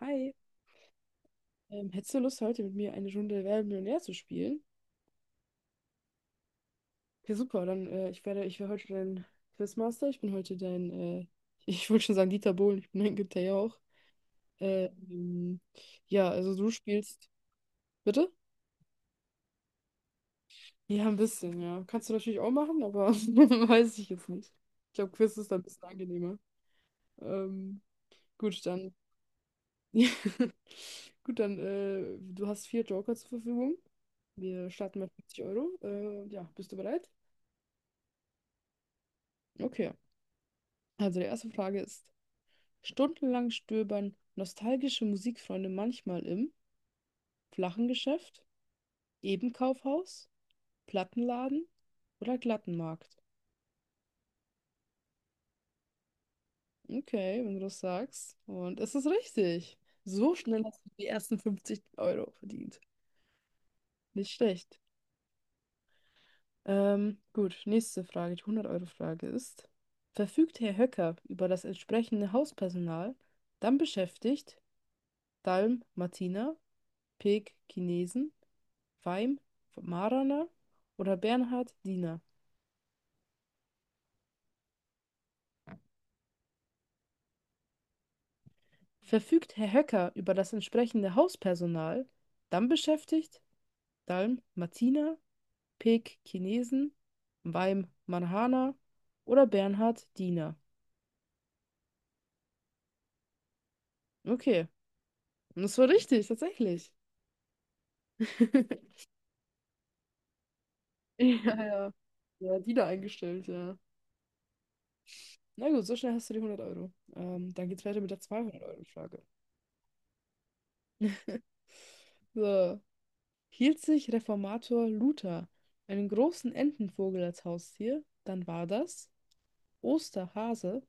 Hi, hättest du Lust, heute mit mir eine Runde Wer wird Millionär zu spielen? Okay, super, dann ich werde heute dein Quizmaster, ich bin heute dein, ich wollte schon sagen Dieter Bohlen, ich bin dein Günther Jauch. Äh, Ähm, ja, also du spielst, bitte? Ja, ein bisschen, ja. Kannst du natürlich auch machen, aber weiß ich jetzt nicht. Ich glaube, Quiz ist dann ein bisschen angenehmer. Ähm, gut, dann, gut, dann, du hast vier Joker zur Verfügung. Wir starten mit 50 Euro. Ja, bist du bereit? Okay. Also die erste Frage ist, stundenlang stöbern nostalgische Musikfreunde manchmal im flachen Geschäft, eben Kaufhaus, Plattenladen oder Glattenmarkt? Okay, wenn du das sagst. Und es ist richtig. So schnell hast du die ersten 50 Euro verdient. Nicht schlecht. Gut, nächste Frage, die 100 Euro frage ist, verfügt Herr Höcker über das entsprechende Hauspersonal, dann beschäftigt Dalm Martina, Peek Chinesen, Weim, Marana oder Bernhard Diener? Verfügt Herr Höcker über das entsprechende Hauspersonal, dann beschäftigt Dalm Martina, Peek Chinesen, Weim Marhana oder Bernhard Diener? Okay, und das war richtig, tatsächlich. Ja, ja. Ja, Diener eingestellt, ja. Na gut, so schnell hast du die 100 Euro. Dann geht's weiter mit der 200 Euro frage. So. Hielt sich Reformator Luther einen großen Entenvogel als Haustier, dann war das Osterhase,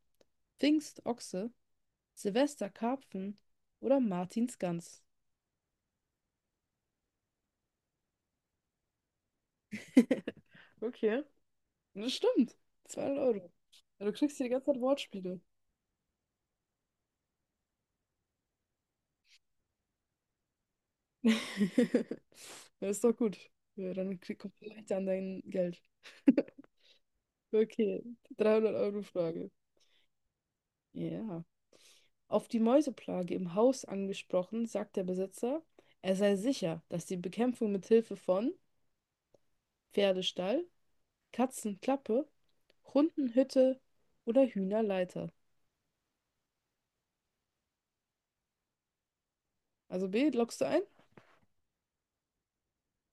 Pfingstochse, Silvesterkarpfen oder Martinsgans? Okay. Das stimmt. 200 Euro. Ja, du kriegst hier die ganze Zeit Wortspiele. Das ist doch gut. Ja, dann kommst du leichter an dein Geld. Okay, 300 Euro Frage. Ja. Auf die Mäuseplage im Haus angesprochen, sagt der Besitzer, er sei sicher, dass die Bekämpfung mit Hilfe von Pferdestall, Katzenklappe, Hundenhütte oder Hühnerleiter. Also B, loggst du ein?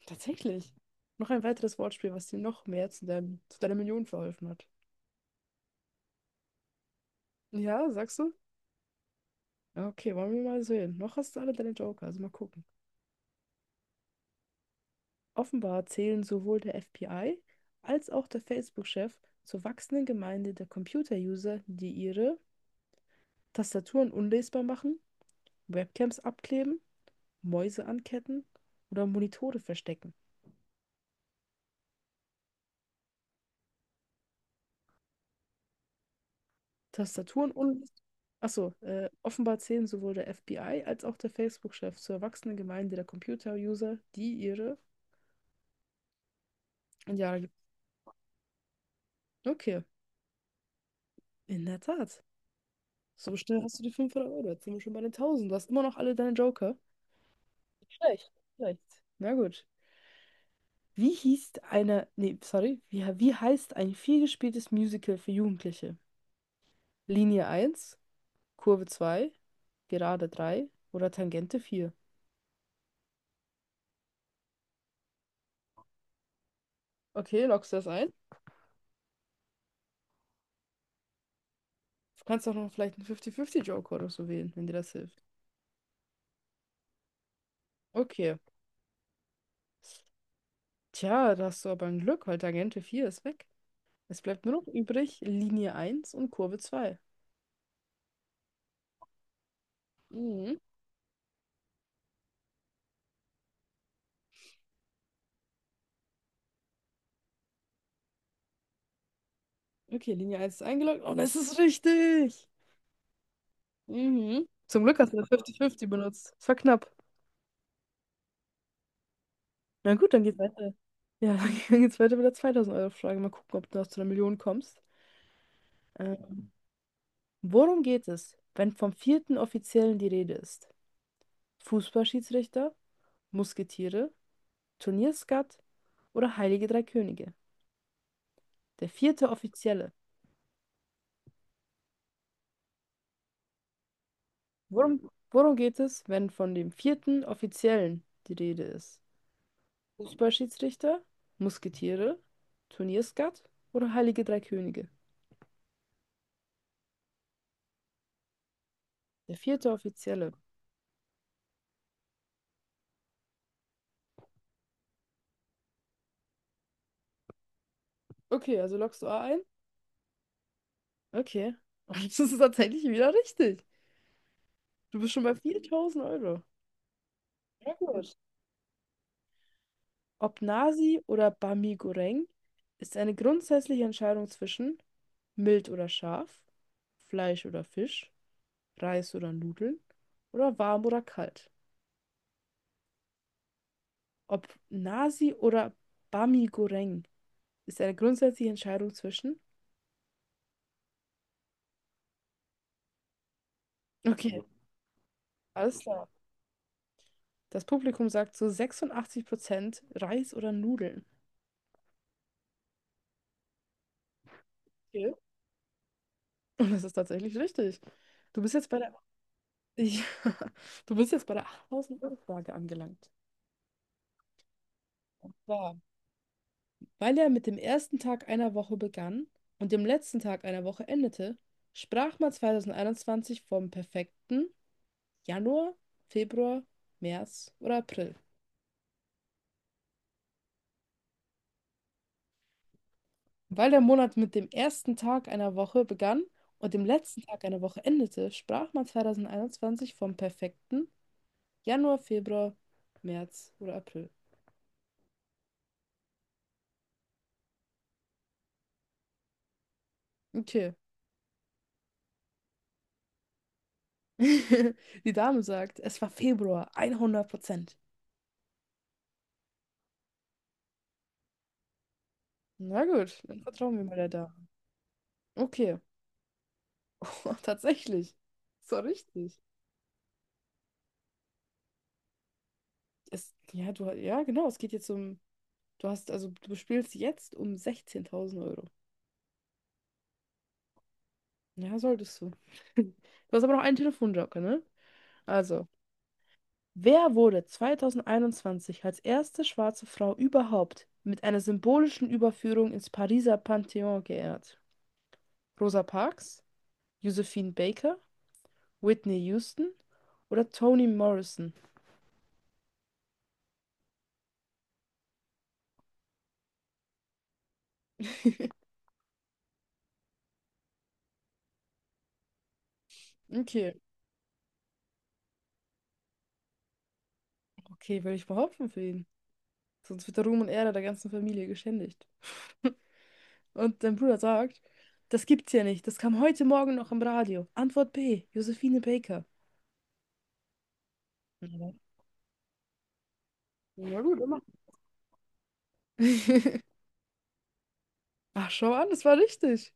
Tatsächlich. Noch ein weiteres Wortspiel, was dir noch mehr zu deiner Million verholfen hat. Ja, sagst du? Ja, okay, wollen wir mal sehen. Noch hast du alle deine Joker, also mal gucken. Offenbar zählen sowohl der FBI als auch der Facebook-Chef zur wachsenden Gemeinde der Computer-User, die ihre Tastaturen unlesbar machen, Webcams abkleben, Mäuse anketten oder Monitore verstecken. Tastaturen unlesbar. Achso, offenbar zählen sowohl der FBI als auch der Facebook-Chef zur erwachsenen Gemeinde der Computer-User, die ihre Jahre gibt. Okay, in der Tat. So schnell hast du die 500 Euro. Jetzt sind wir schon bei den tausend. Du hast immer noch alle deine Joker. Nicht schlecht, nicht schlecht. Na gut. Wie hieß eine. Nee, sorry. Wie heißt ein vielgespieltes Musical für Jugendliche? Linie eins, Kurve 2, Gerade 3 oder Tangente 4? Okay, loggst du das ein? Du kannst auch noch vielleicht einen 50-50-Joker oder so wählen, wenn dir das hilft. Okay. Tja, da hast du aber ein Glück, weil Tangente 4 ist weg. Es bleibt nur noch übrig Linie eins und Kurve 2. Mhm. Okay, Linie eins ist eingeloggt. Und es ist richtig! Mhm. Zum Glück hast du das 50-50 benutzt. Es war knapp. Na gut, dann geht's weiter. Ja, dann geht's weiter mit der 2000-Euro-Frage. Mal gucken, ob du noch zu einer Million kommst. Äh, Worum geht es, wenn vom vierten Offiziellen die Rede ist? Fußballschiedsrichter, Musketiere, Turnierskat oder Heilige Drei Könige? Der vierte Offizielle. Worum geht es, wenn von dem vierten Offiziellen die Rede ist? Fußballschiedsrichter, Musketiere, Turnierskat oder Heilige Drei Könige? Der vierte Offizielle. Okay, also loggst du A ein? Okay. Das ist tatsächlich wieder richtig. Du bist schon bei 4000 Euro. Sehr gut. Ob Nasi oder Bami Goreng ist eine grundsätzliche Entscheidung zwischen mild oder scharf, Fleisch oder Fisch, Reis oder Nudeln oder warm oder kalt. Ob Nasi oder Bami Goreng ist eine grundsätzliche Entscheidung zwischen. Okay, alles klar. Das Publikum sagt zu 86% Reis oder Nudeln. Okay. Und das ist tatsächlich richtig. Du bist jetzt bei der, ja, du bist jetzt bei der 8000-Euro-Frage angelangt. Und zwar, weil er mit dem ersten Tag einer Woche begann und dem letzten Tag einer Woche endete, sprach man 2021 vom perfekten Januar, Februar, März oder April. Weil der Monat mit dem ersten Tag einer Woche begann und dem letzten Tag einer Woche endete, sprach man 2021 vom perfekten Januar, Februar, März oder April. Okay. Die Dame sagt, es war Februar, 100%. Na gut, dann vertrauen wir mal der Dame. Okay. Tatsächlich. So richtig. Es, ja, du, ja, genau. Es geht jetzt um. Du hast, also du spielst jetzt um 16.000 Euro. Ja, solltest du. Du hast aber noch einen Telefonjoker, ne? Also, wer wurde 2021 als erste schwarze Frau überhaupt mit einer symbolischen Überführung ins Pariser Pantheon geehrt? Rosa Parks, Josephine Baker, Whitney Houston oder Toni Morrison? Okay, okay, will ich behaupten für ihn. Sonst wird der Ruhm und Ehre der ganzen Familie geschändigt. Und dein Bruder sagt, das gibt's ja nicht. Das kam heute Morgen noch im Radio. Antwort B, Josephine Baker. Mhm. Na gut, immer. Ach, schau an, das war richtig.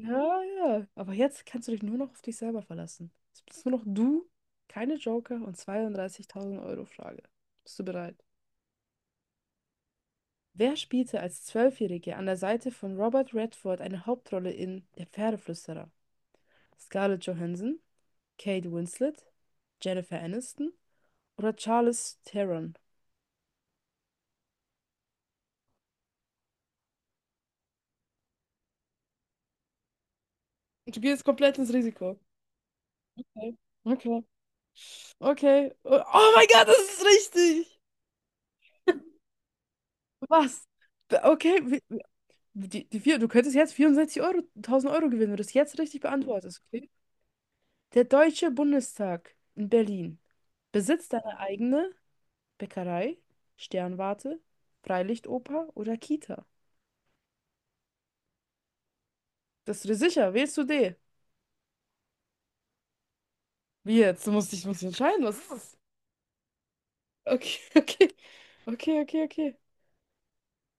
Ja, ja. Aber jetzt kannst du dich nur noch auf dich selber verlassen. Jetzt bist nur noch du, keine Joker und 32.000 Euro Frage. Bist du bereit? Wer spielte als Zwölfjährige an der Seite von Robert Redford eine Hauptrolle in Der Pferdeflüsterer? Scarlett Johansson, Kate Winslet, Jennifer Aniston oder Charlize Theron? Du gehst komplett ins Risiko. Okay. Okay. Okay. Oh, oh mein Gott, das ist richtig. Was? Okay, die vier, du könntest jetzt 64 Euro, 1.000 Euro gewinnen, wenn du das jetzt richtig beantwortest. Okay? Der Deutsche Bundestag in Berlin besitzt eine eigene Bäckerei, Sternwarte, Freilichtoper oder Kita. Das ist dir sicher, wählst du D? Wie jetzt? Du musst dich entscheiden, was ist das? Okay, okay. Okay, okay, okay.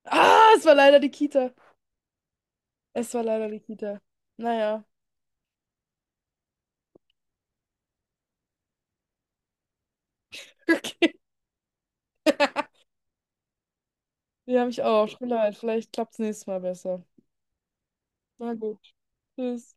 Ah, es war leider die Kita. Es war leider die Kita. Naja. Okay. Die habe ich auch. Tut mir leid. Vielleicht klappt es nächstes Mal besser. Na gut. Tschüss.